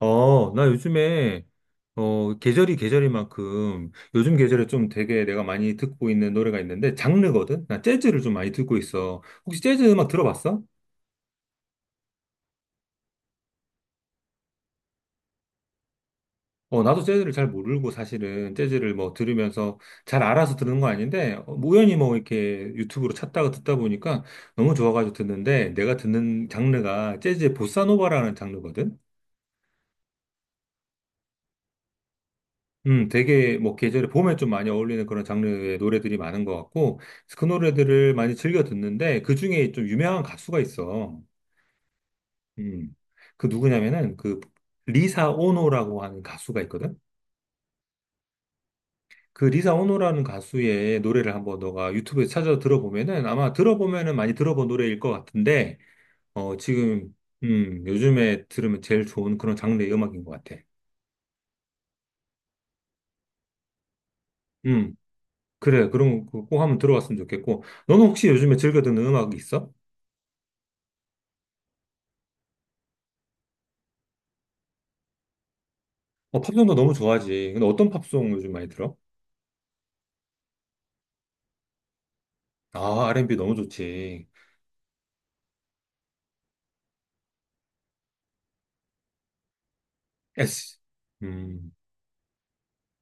나 요즘에, 계절이만큼, 요즘 계절에 좀 되게 내가 많이 듣고 있는 노래가 있는데, 장르거든? 나 재즈를 좀 많이 듣고 있어. 혹시 재즈 음악 들어봤어? 나도 재즈를 잘 모르고 사실은 재즈를 뭐 들으면서 잘 알아서 듣는 거 아닌데, 우연히 뭐 이렇게 유튜브로 찾다가 듣다 보니까 너무 좋아가지고 듣는데, 내가 듣는 장르가 재즈의 보사노바라는 장르거든? 되게 뭐 계절에 봄에 좀 많이 어울리는 그런 장르의 노래들이 많은 것 같고 그래서 그 노래들을 많이 즐겨 듣는데 그 중에 좀 유명한 가수가 있어. 음, 그 누구냐면은 그 리사 오노라고 하는 가수가 있거든. 그 리사 오노라는 가수의 노래를 한번 너가 유튜브에 찾아 들어보면은 아마 들어보면은 많이 들어본 노래일 것 같은데 어 지금 요즘에 들으면 제일 좋은 그런 장르의 음악인 것 같아. 음, 그래 그럼 그거 꼭 한번 들어봤으면 좋겠고 너는 혹시 요즘에 즐겨 듣는 음악이 있어? 어, 팝송도 너무 좋아하지. 근데 어떤 팝송 요즘 많이 들어? 아, R&B 너무 좋지. S, 음,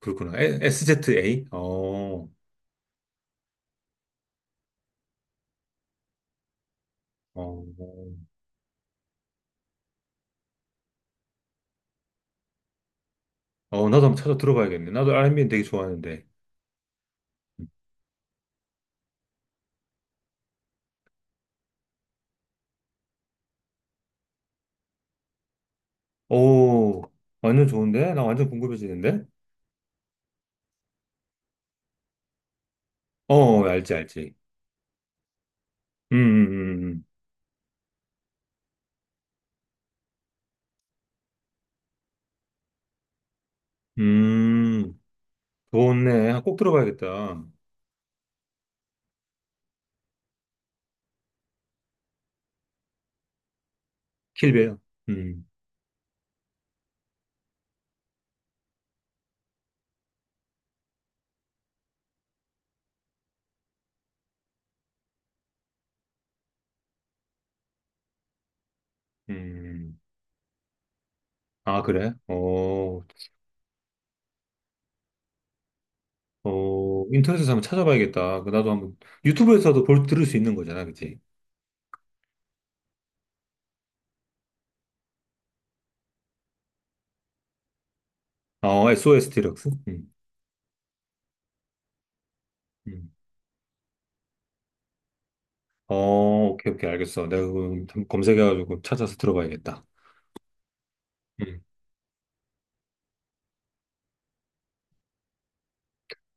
그렇구나. SZA? 어, 어, 나도 한번 찾아 들어봐야겠네. 나도 R&B 는 되게 좋아하는데. 음. 오, 완전 좋은데? 나 완전 궁금해지는데? 어, 어, 알지, 알지. 음, 음, 음, 음, 음, 음, 좋네. 아, 꼭 들어봐야겠다. 킬베요. 음, 음. 아, 그래? 어, 어, 인터넷에서 한번 찾아봐야겠다. 그 나도 한번 유튜브에서도 볼 들을 수 있는 거잖아, 그치? 어, SOS 디럭스? 음. 어, 오케이, 오케이, 알겠어. 내가 그거 한번 검색해가지고 찾아서 들어봐야겠다. 음.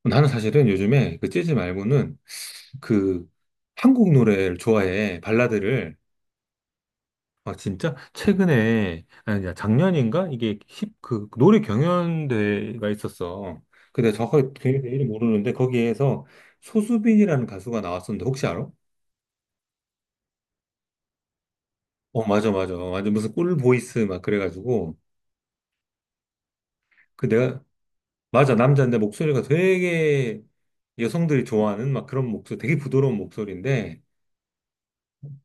나는 사실은 요즘에 그 재즈 말고는 그 한국 노래를 좋아해, 발라드를. 아, 진짜? 최근에, 아니, 야, 작년인가? 이게 노래 경연대회가 있었어. 근데 정확하게 경연대 이름 모르는데 거기에서 소수빈이라는 가수가 나왔었는데 혹시 알아? 어, 맞아, 맞아. 완전 무슨 꿀 보이스 막 그래가지고. 그 내가, 맞아. 남자인데 목소리가 되게 여성들이 좋아하는 막 그런 목소리, 되게 부드러운 목소리인데,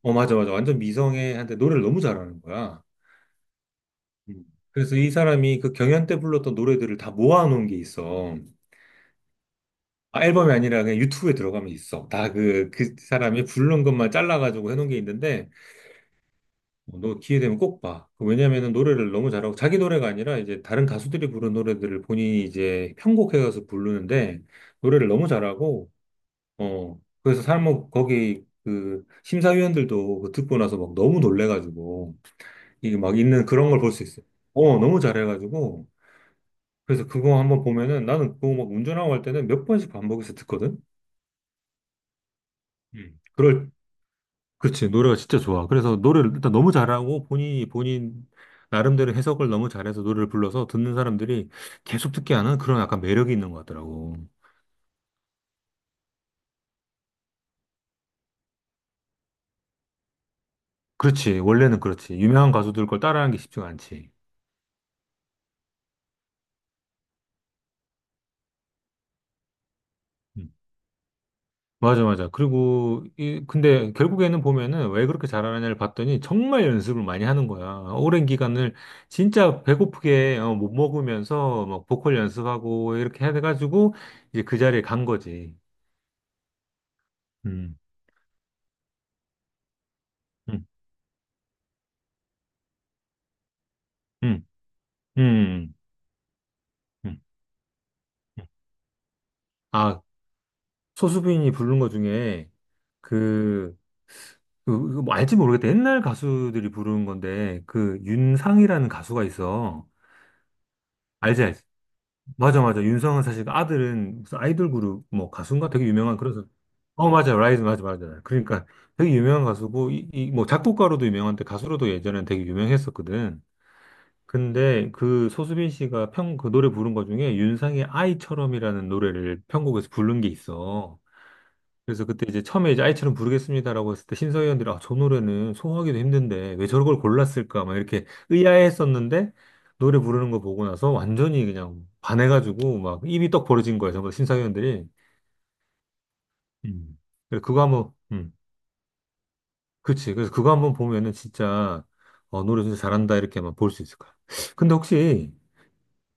어, 맞아, 맞아. 완전 미성애한테 노래를 너무 잘하는 거야. 음. 그래서 이 사람이 그 경연 때 불렀던 노래들을 다 모아놓은 게 있어. 아, 앨범이 아니라 그냥 유튜브에 들어가면 있어. 그 사람이 부른 것만 잘라가지고 해놓은 게 있는데, 어, 너 기회 되면 꼭 봐. 그 왜냐면은 노래를 너무 잘하고 자기 노래가 아니라 이제 다른 가수들이 부른 노래들을 본인이 이제 편곡해가서 부르는데 노래를 너무 잘하고 그래서 사람 뭐 거기 그 심사위원들도 그거 듣고 나서 막 너무 놀래가지고 이게 막 있는 그런 걸 볼 수 있어요. 너무 잘해가지고 그래서 그거 한번 보면은 나는 그거 막 운전하고 할 때는 몇 번씩 반복해서 듣거든. 음. 그럴 그렇지. 노래가 진짜 좋아. 그래서 노래를 일단 너무 잘하고 본인이 본인 나름대로 해석을 너무 잘해서 노래를 불러서 듣는 사람들이 계속 듣게 하는 그런 약간 매력이 있는 것 같더라고. 그렇지. 원래는 그렇지. 유명한 가수들 걸 따라하는 게 쉽지가 않지. 음. 맞아, 맞아. 그리고 이 근데 결국에는 보면은 왜 그렇게 잘하느냐를 봤더니 정말 연습을 많이 하는 거야. 오랜 기간을 진짜 배고프게 어, 못 먹으면서 막 보컬 연습하고 이렇게 해가지고 이제 그 자리에 간 거지. 음. 음. 음. 음. 음, 음. 아, 소수빈이 부른 거 중에 그, 그뭐 알지 모르겠다. 옛날 가수들이 부르는 건데 그 윤상이라는 가수가 있어. 알지, 알지. 맞아, 맞아. 윤상은 사실 그 아들은 무슨 아이돌 그룹 뭐 가수인가 되게 유명한 그래서 어 맞아 라이즈 맞아 맞아 그러니까 되게 유명한 가수고 이 뭐 작곡가로도 유명한데 가수로도 예전엔 되게 유명했었거든. 근데 그 소수빈 씨가 편 그 노래 부른 거 중에 윤상의 아이처럼이라는 노래를 편곡에서 부른 게 있어. 그래서 그때 이제 처음에 이제 아이처럼 부르겠습니다라고 했을 때 심사위원들이 아, 저 노래는 소화하기도 힘든데 왜 저걸 골랐을까 막 이렇게 의아해했었는데 노래 부르는 거 보고 나서 완전히 그냥 반해가지고 막 입이 떡 벌어진 거예요. 전부 다 심사위원들이. 음. 그래서 그거 한번, 음, 그치. 그래서 그거 한번 보면은 진짜 어, 노래 진짜 잘한다 이렇게만 볼 수 있을 거야. 근데 혹시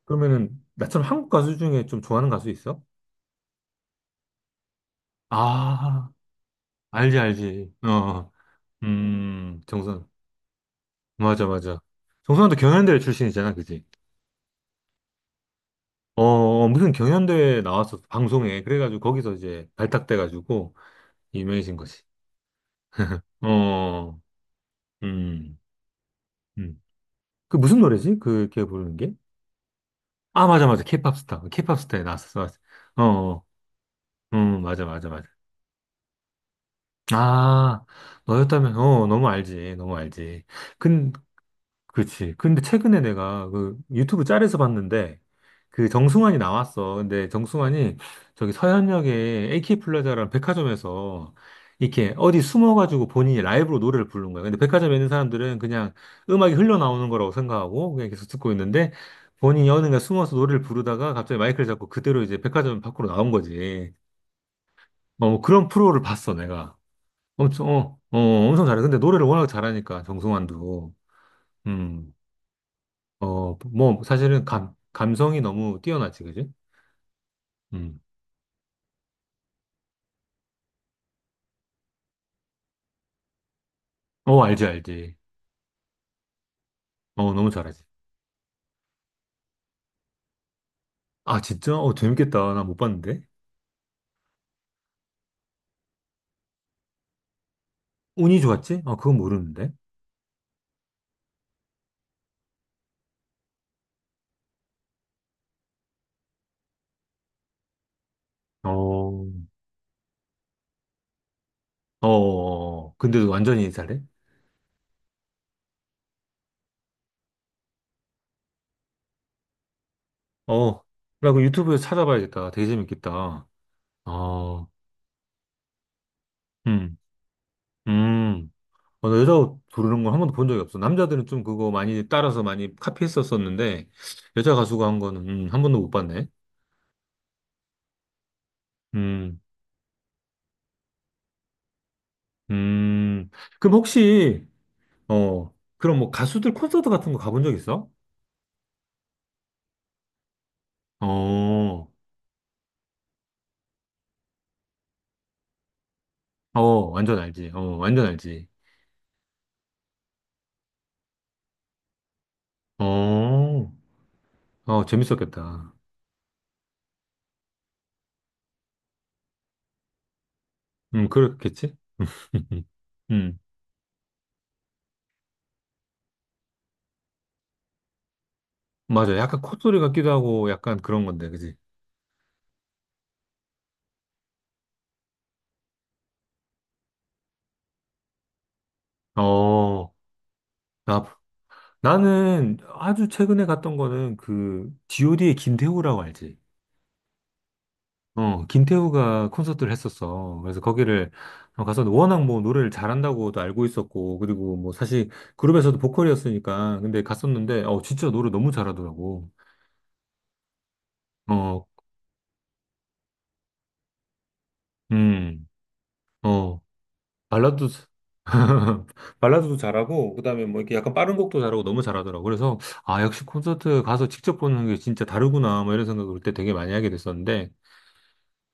그러면은 나처럼 한국 가수 중에 좀 좋아하는 가수 있어? 아, 알지, 알지. 정선. 맞아, 맞아. 정수환도 경연대 출신이잖아, 그지? 어, 어, 무슨 경연대회 나왔었어, 방송에. 그래가지고 거기서 이제 발탁돼가지고 유명해진 거지. 어, 어, 어. 음, 음. 그 무슨 노래지? 그, 걔 부르는 게? 아, 맞아, 맞아. 케이팝 스타. 케이팝 스타에 나왔었어. 맞아. 어, 어, 맞아, 맞아, 맞아. 아, 너였다면, 어, 너무 알지. 너무 알지. 근 그치. 근데 최근에 내가 그 유튜브 짤에서 봤는데 그 정승환이 나왔어. 근데 정승환이 저기 서현역에 AK 플라자라는 백화점에서 이렇게 어디 숨어가지고 본인이 라이브로 노래를 부른 거야. 근데 백화점에 있는 사람들은 그냥 음악이 흘러나오는 거라고 생각하고 그냥 계속 듣고 있는데 본인이 어느 날 숨어서 노래를 부르다가 갑자기 마이크를 잡고 그대로 이제 백화점 밖으로 나온 거지. 어, 뭐 그런 프로를 봤어, 내가. 엄청, 어, 어, 엄청 잘해. 근데 노래를 워낙 잘하니까, 정승환도. 음. 어, 뭐, 사실은 감성이 너무 뛰어나지, 그지? 음. 어, 알지, 알지. 어, 너무 잘하지. 아, 진짜? 어, 재밌겠다. 나 못 봤는데? 운이 좋았지? 아, 그건 모르는데. 어, 근데도 완전히 잘해? 어, 나 그 유튜브에서 찾아봐야겠다. 되게 재밌겠다. 어, 음, 음. 어, 나 여자 옷 부르는 걸 한 번도 본 적이 없어. 남자들은 좀 그거 많이 따라서 많이 카피했었었는데, 여자 가수가 한 거는, 한 번도 못 봤네. 음, 음. 그럼 혹시, 어, 그럼 뭐 가수들 콘서트 같은 거 가본 적 있어? 어, 어, 완전 알지. 어, 완전 알지. 어, 어, 재밌었겠다. 그렇겠지? 음, 맞아. 약간 콧소리 같기도 하고 약간 그런 건데, 그지? 어, 나, 나는 아주 최근에 갔던 거는 그, d o d 의 김태우라고 알지? 어, 김태우가 콘서트를 했었어. 그래서 거기를 가서 워낙 뭐 노래를 잘한다고도 알고 있었고, 그리고 뭐 사실 그룹에서도 보컬이었으니까, 근데 갔었는데, 어, 진짜 노래 너무 잘하더라고. 어, 음, 어, 발라드, 발라드도 잘하고, 그다음에 뭐 이렇게 약간 빠른 곡도 잘하고 너무 잘하더라고. 그래서, 아, 역시 콘서트 가서 직접 보는 게 진짜 다르구나, 뭐 이런 생각을 그때 되게 많이 하게 됐었는데,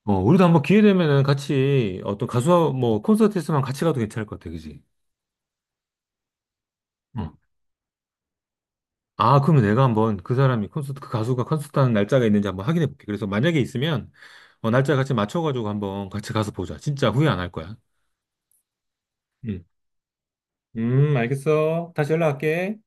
어, 우리도 한번 기회 되면은 같이 어떤 가수, 뭐 콘서트에서만 같이 가도 괜찮을 것 같아, 그지? 어. 아, 그러면 내가 한번 그 사람이 콘서트, 그 가수가 콘서트 하는 날짜가 있는지 한번 확인해 볼게. 그래서 만약에 있으면, 어, 날짜 같이 맞춰가지고 한번 같이 가서 보자. 진짜 후회 안 할 거야. 음. 알겠어. 다시 연락할게.